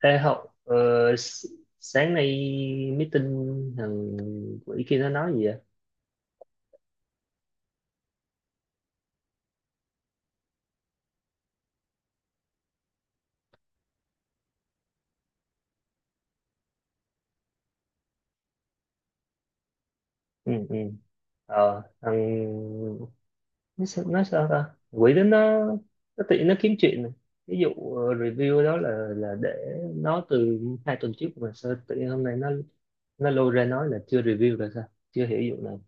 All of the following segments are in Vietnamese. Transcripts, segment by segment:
Ê Hậu, s- sáng nay meeting thằng quỷ kia nó nói gì vậy? Ừ, ừ. Ờ, thằng... nó sao ta? Quỷ đó nó tự nó kiếm chuyện này. Ví dụ review đó là để nó từ hai tuần trước mà sao tự nhiên hôm nay nó lôi ra nói là chưa review là sao? Chưa hiểu vụ này.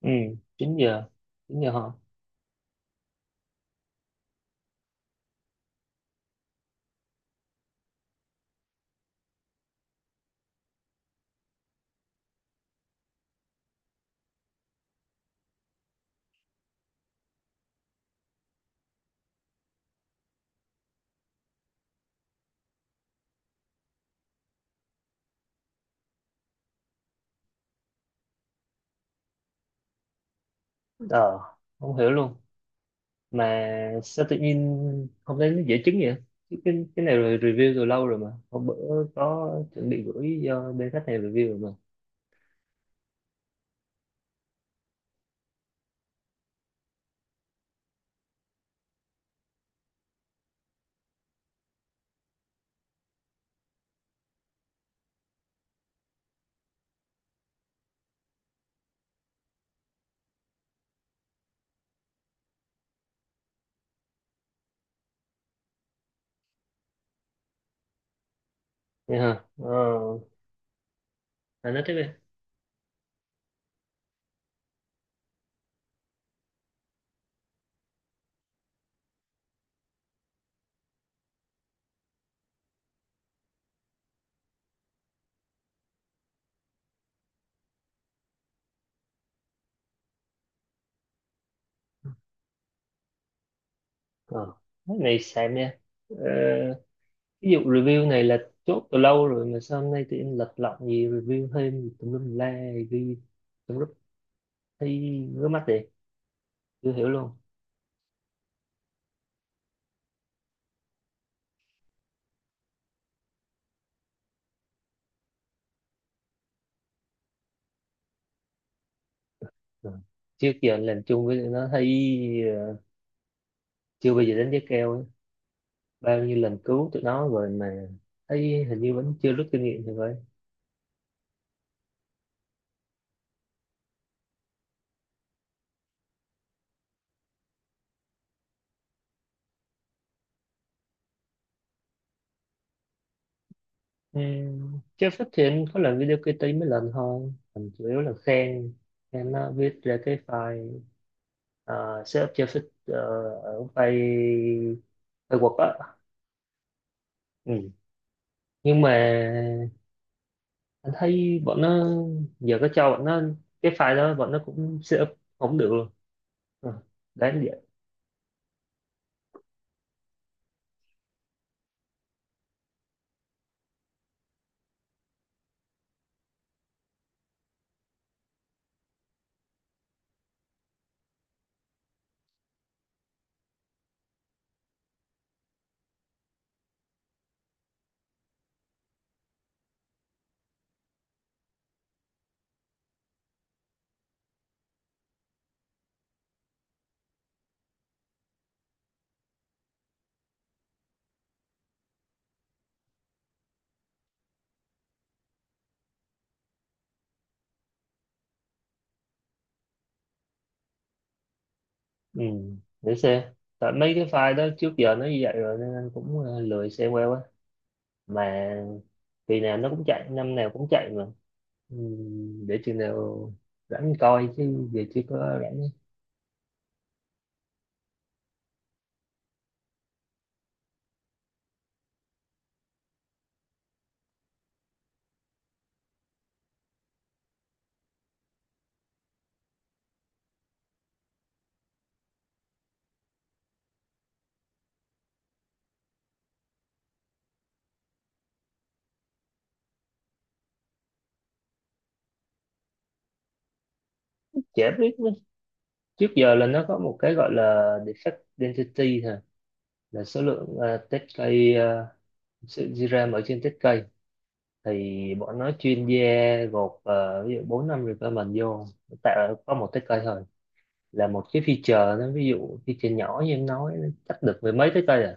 Ừ, 9 giờ. 9 giờ hả? Ờ, không hiểu luôn. Mà sao tự nhiên hôm nay nó dễ chứng vậy? Chứ cái này rồi review từ lâu rồi mà hôm bữa có chuẩn bị gửi cho bên khách hàng review rồi mà nha ha ờ à, nói tiếp đi ờ cái này xem nha ờ, ví dụ review này là chốt từ lâu rồi mà sao hôm nay tự nhiên lật lọng gì review thêm gì tùm lum tùm la ghi tùm lum thấy ngứa mắt vậy chưa hiểu luôn. Ờ. Trước giờ làm chung với tụi nó thấy ờ, chưa bao giờ đánh giá cao ấy. Bao nhiêu lần cứu tụi nó rồi mà thấy hình như vẫn chưa rút kinh nghiệm thì vậy. Chưa phát triển có làm video KT mấy lần thôi mình chủ yếu là khen, nó viết ra cái file setup chưa fit ờ, ở file file Word á. Ừ. Nhưng mà anh thấy bọn nó giờ có cho bọn nó cái file đó bọn nó cũng setup không được luôn. Ờ, đáng vậy. Ừ. Để xem, tại mấy cái file đó trước giờ nó như vậy rồi nên anh cũng lười xem qua quá, mà kỳ nào nó cũng chạy năm nào cũng chạy mà. Ừ, để chừng nào rảnh coi chứ giờ chưa có rảnh. Chả biết nữa. Trước giờ là nó có một cái gọi là defect density thôi, là số lượng test cây, sự di RAM ở trên test cây thì bọn nó chuyên gia gộp, ví dụ bốn năm requirement vô tạo có một test cây thôi, là một cái feature, nó ví dụ feature nhỏ như em nói nó chắc được mười mấy test cây à,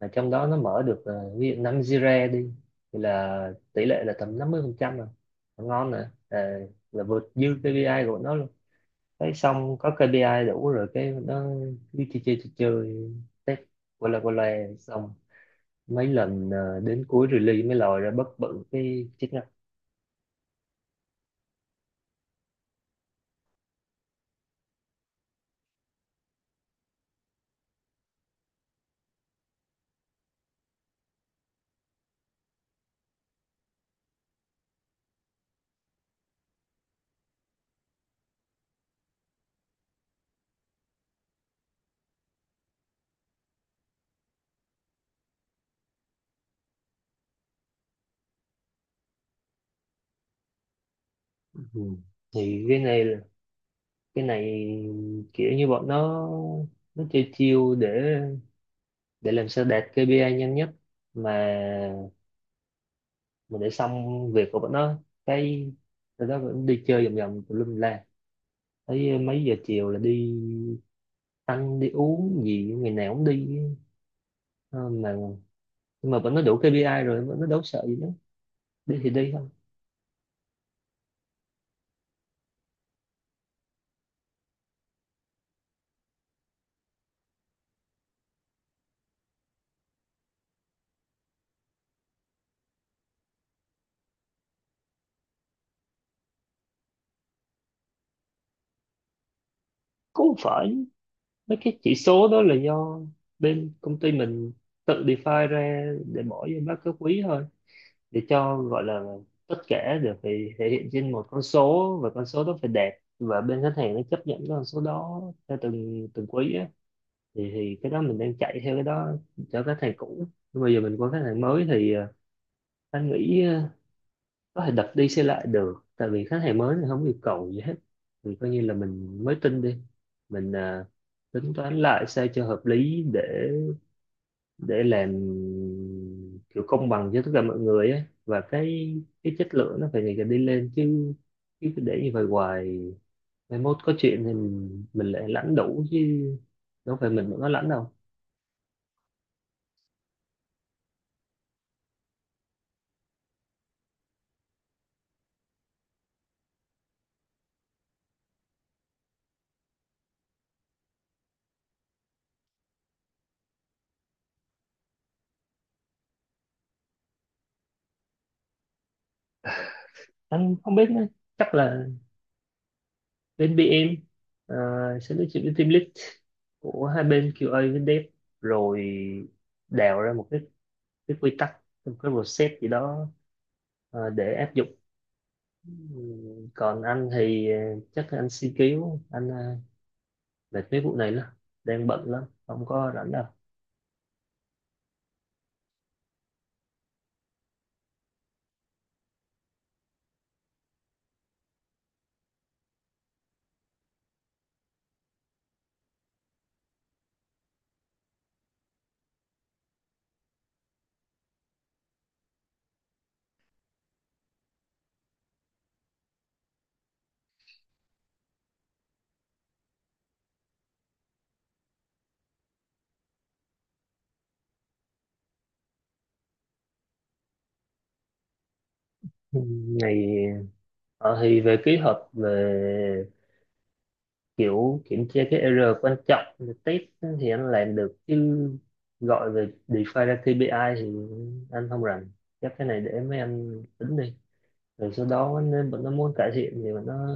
là trong đó nó mở được, ví dụ 5 Jira đi, thì là tỷ lệ là tầm 50% rồi. Là ngon rồi à, là vượt dư KPI của nó luôn, cái xong có KPI đủ rồi cái nó đi chơi chơi chơi chơi, test qua là xong, mấy lần đến cuối release mới lòi ra bất bự cái chức năng. Ừ. thì cái này là- Cái này kiểu như bọn nó chơi chiêu để làm sao đạt KPI nhanh nhất mà mình để xong việc của bọn nó, cái tụi nó vẫn đi chơi vòng vòng tùm lum la, thấy mấy giờ chiều là đi ăn đi uống gì ngày nào cũng đi. Ờ, mà nhưng mà bọn nó đủ KPI rồi bọn nó đâu sợ gì nữa, đi thì đi thôi. Cũng không phải, mấy cái chỉ số đó là do bên công ty mình tự define ra để bỏ vô báo cáo quý thôi, để cho gọi là tất cả đều phải thể hiện trên một con số, và con số đó phải đẹp và bên khách hàng nó chấp nhận cái con số đó theo từng từng quý á, thì cái đó mình đang chạy theo cái đó cho các thầy cũ, nhưng bây giờ mình qua các thầy mới thì anh nghĩ có thể đập đi xây lại được, tại vì khách hàng mới thì không yêu cầu gì hết, thì coi như là mình mới tin đi, mình tính toán lại sao cho hợp lý để làm kiểu công bằng cho tất cả mọi người ấy. Và cái chất lượng nó phải ngày càng đi lên chứ, chứ cứ để như vậy hoài mai mốt có chuyện thì mình lại lãnh đủ chứ đâu phải mình mà có lãnh đâu. Anh không biết nữa. Chắc là bên BM ờ, sẽ nói chuyện với team lead của hai bên QA với dev, rồi đào ra một cái, quy tắc một cái process gì đó để áp dụng. Còn anh thì chắc là anh si cứu anh mệt mấy vụ này lắm, đang bận lắm không có rảnh đâu. Ngày thì về kế hoạch về kiểu kiểm tra cái error quan trọng thì test thì anh làm được chứ, gọi về define ra KPI thì anh không rành, chắc cái này để mấy anh tính đi, rồi sau đó nếu bọn nó muốn cải thiện thì bọn nó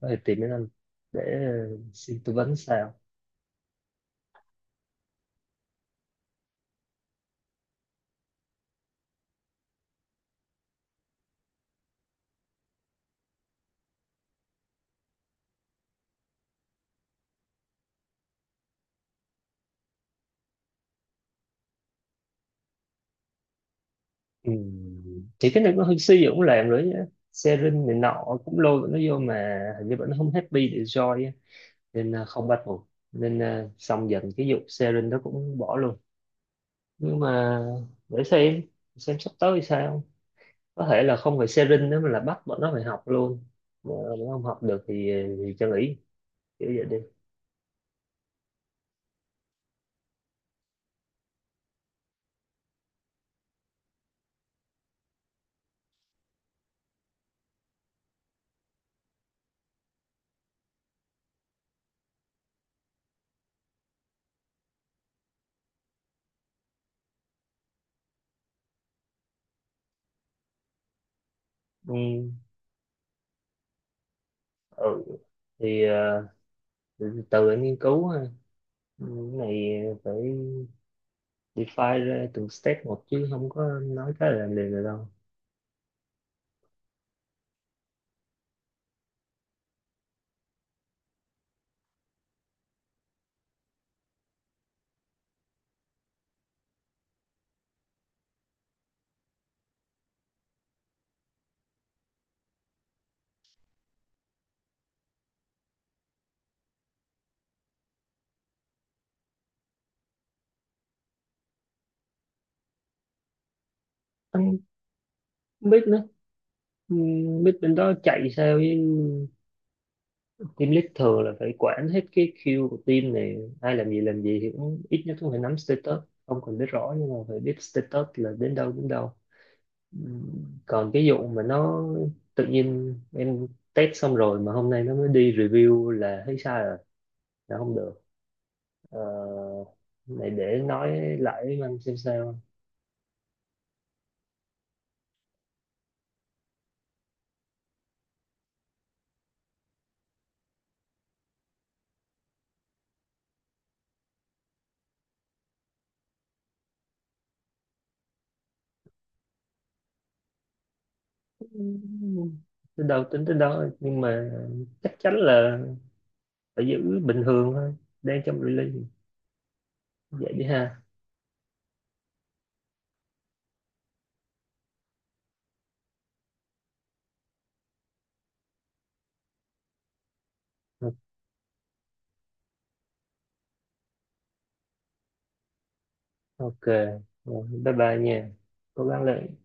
có thể tìm đến anh để xin tư vấn sao. Ừ. Thì cái này nó hơi suy cũng làm rồi nhá, sharing này nọ cũng lôi bọn nó vô mà hình như bọn nó không happy để join á. Nên à, không bắt buộc, nên à, xong dần cái vụ sharing đó cũng bỏ luôn. Nhưng mà để xem sắp tới thì sao, có thể là không phải sharing nữa mà là bắt bọn nó phải học luôn, mà nó không học được thì cho nghỉ kiểu vậy đi. Ừ, ừ. Thì từ từ anh nghiên cứu ha. Ừ, cái này phải define ra từng step một chứ không có nói cái là liền được đâu. Anh không biết nữa. Ừ, không biết bên đó chạy sao, với team lead thường là phải quản hết cái queue của team này ai làm gì thì cũng ít nhất cũng phải nắm status, không cần biết rõ nhưng mà phải biết status là đến đâu đến đâu. Còn cái vụ mà nó tự nhiên em test xong rồi mà hôm nay nó mới đi review là thấy sai rồi, là không được. Ờ, này để nói lại với anh xem sao. Ừm, tới đâu tính tới đó, nhưng mà chắc chắn là phải giữ bình thường thôi, đang trong release, vậy đi ha. Ok. Rồi, bye bye nha, cố gắng lên.